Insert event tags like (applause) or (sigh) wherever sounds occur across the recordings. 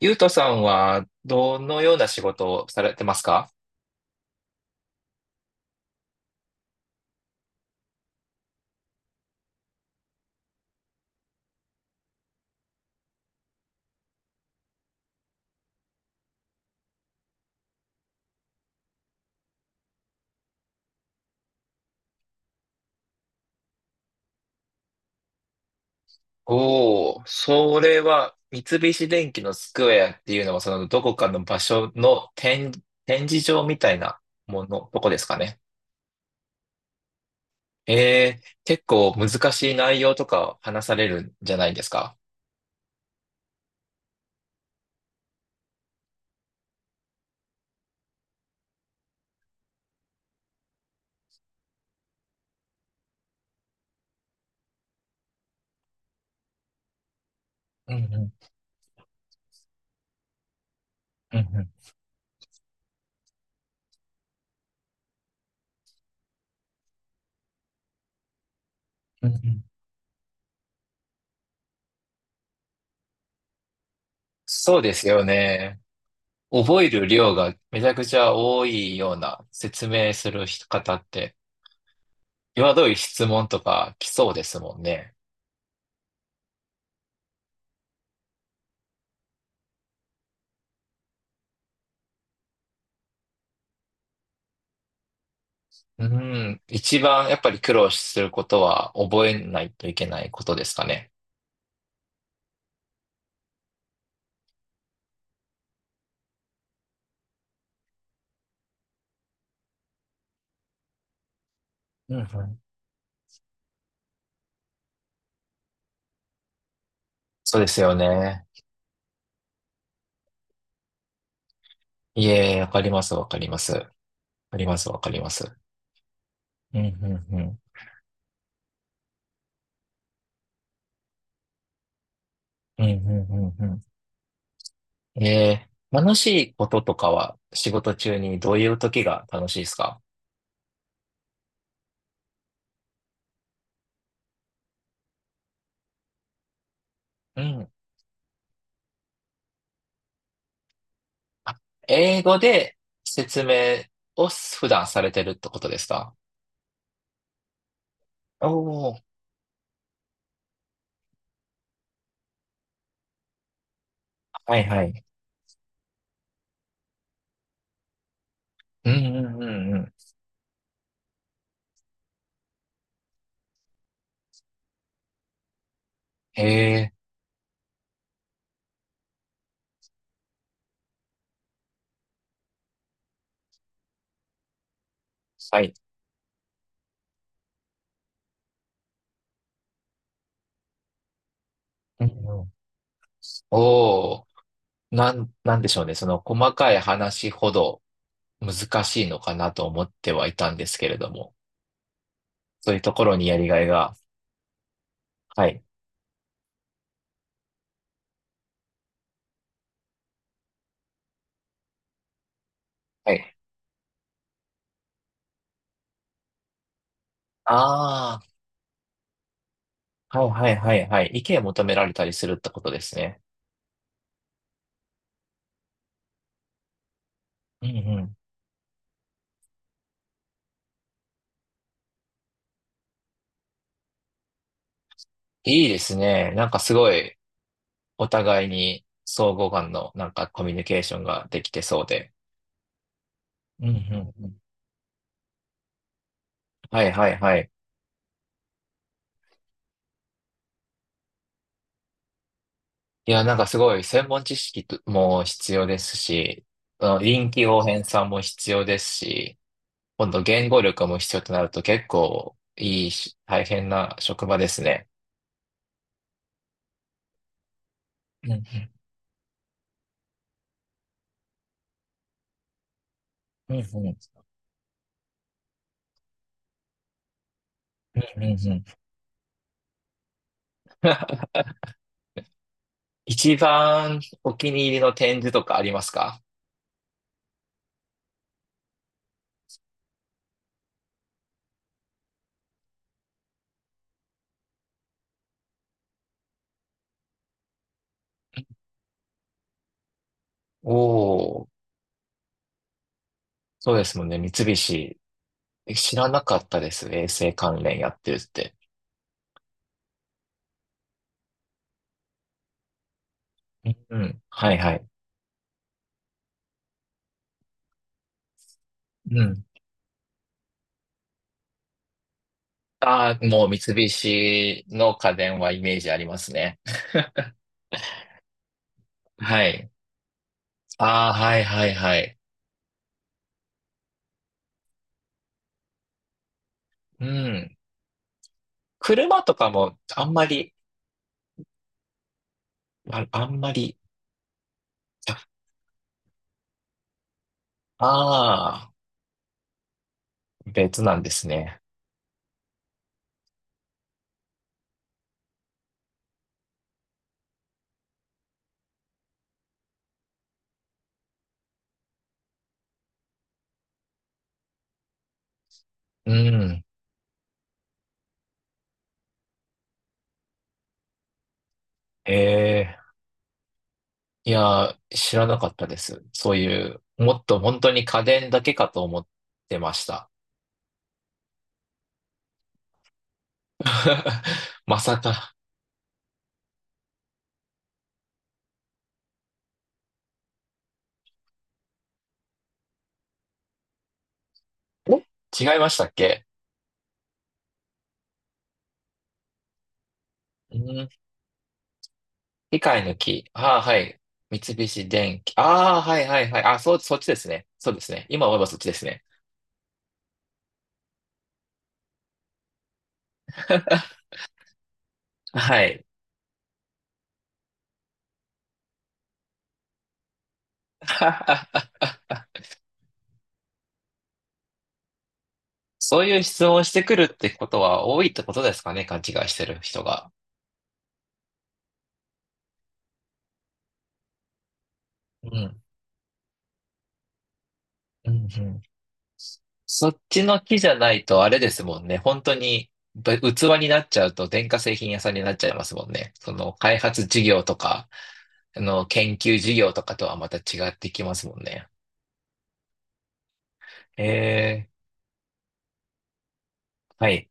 ゆうとさんはどのような仕事をされてますか？おお、それは三菱電機のスクエアっていうのは、そのどこかの場所の展示場みたいなもの、どこですかね。結構難しい内容とか話されるんじゃないですか？うんうん、うんうん、うんうん。そうですよね。覚える量がめちゃくちゃ多いような説明する方って、際どい質問とか来そうですもんね。うん。一番やっぱり苦労することは覚えないといけないことですかね。うんうん。そうですよね。いえ、わかります、わかります。わかります、わかります。うん、うん、うん。うん、うん、うん、うん。ええ、楽しいこととかは仕事中にどういう時が楽しいですか？うん。あ、英語で説明を普段されてるってことですか？おおー、はいはい。うん、うん、うん、うん。ええ、はい。うんうん、うんうん、へえ、はい、うんうん、おお。なんでしょうね。その細かい話ほど難しいのかなと思ってはいたんですけれども、そういうところにやりがいが。はい。はい。ああ、はいはいはいはい。意見を求められたりするってことですね。うんうん。いいですね。なんかすごいお互いに相互間のなんかコミュニケーションができてそうで。うんうんうん。はいはいはい。いや、なんかすごい専門知識とも必要ですし、あの臨機応変さも必要ですし、今度言語力も必要となると結構いいし、大変な職場ですね。うんうん、うんうん、うんうん。 (laughs) 一番お気に入りの展示とかありますか？おおー、そうですもんね。三菱。え、知らなかったです。衛星関連やってるって。うん、はいはい。うん。ああ、もう三菱の家電はイメージありますね。(laughs) はい。ああ、はいはいはい。うん。車とかもあんまり、あ、あんまり、ああ、別なんですね。うん。ええ。いやー、知らなかったです。そういう、もっと本当に家電だけかと思ってました。(laughs) まさか。え、違いましたっけ？うん。機械の木。ああ、はい。三菱電機。ああ、はいはいはい。あ、そう、そっちですね。そうですね。今思えばそっちですね。はい。(laughs) そういう質問をしてくるってことは多いってことですかね。勘違いしてる人が。うん。うんうん。そっちの木じゃないとあれですもんね。本当にぶ器になっちゃうと電化製品屋さんになっちゃいますもんね。その開発事業とか、あの研究事業とかとはまた違ってきますもんね。えはい。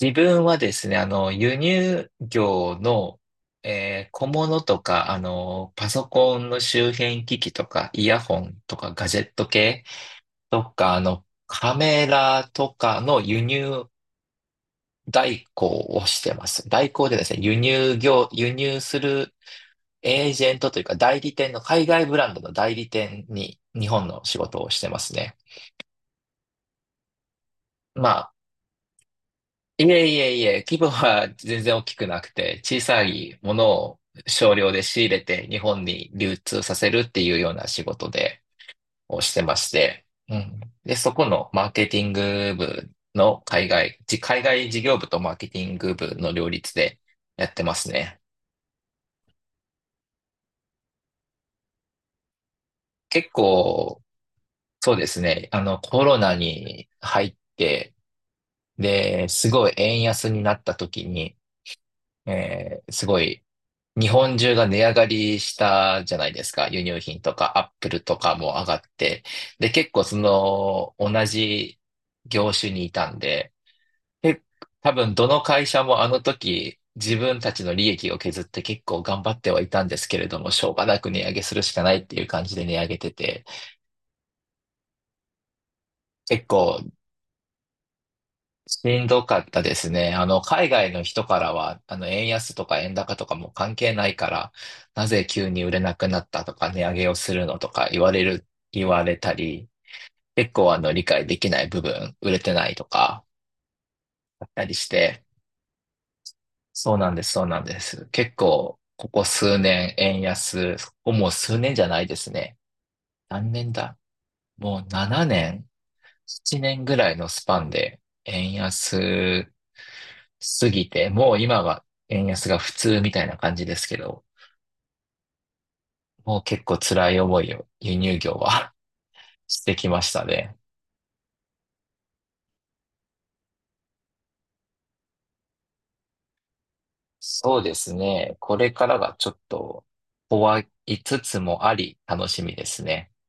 自分はですね、輸入業の、小物とか、パソコンの周辺機器とか、イヤホンとか、ガジェット系とか、カメラとかの輸入代行をしてます。代行でですね、輸入業、輸入するエージェントというか代理店の海外ブランドの代理店に日本の仕事をしてますね。まあ、いえいえいえ、規模は全然大きくなくて、小さいものを少量で仕入れて日本に流通させるっていうような仕事で、をしてまして、うん。で、そこのマーケティング部の海外事業部とマーケティング部の両立でやってますね。結構そうですね。コロナに入って、で、すごい円安になった時に、すごい日本中が値上がりしたじゃないですか。輸入品とかアップルとかも上がって。で、結構その同じ業種にいたんで、で、多分どの会社もあの時自分たちの利益を削って結構頑張ってはいたんですけれども、しょうがなく値上げするしかないっていう感じで値上げてて、結構しんどかったですね。海外の人からは、円安とか円高とかも関係ないから、なぜ急に売れなくなったとか、値上げをするのとか言われたり、結構理解できない部分、売れてないとか、あったりして、そうなんです、そうなんです。結構、ここ数年、円安、ここもう数年じゃないですね。何年だ、もう7年ぐらいのスパンで円安すぎて、もう今は円安が普通みたいな感じですけど、もう結構辛い思いを輸入業は (laughs) してきましたね。そうですね。これからがちょっと怖いつつもあり楽しみですね。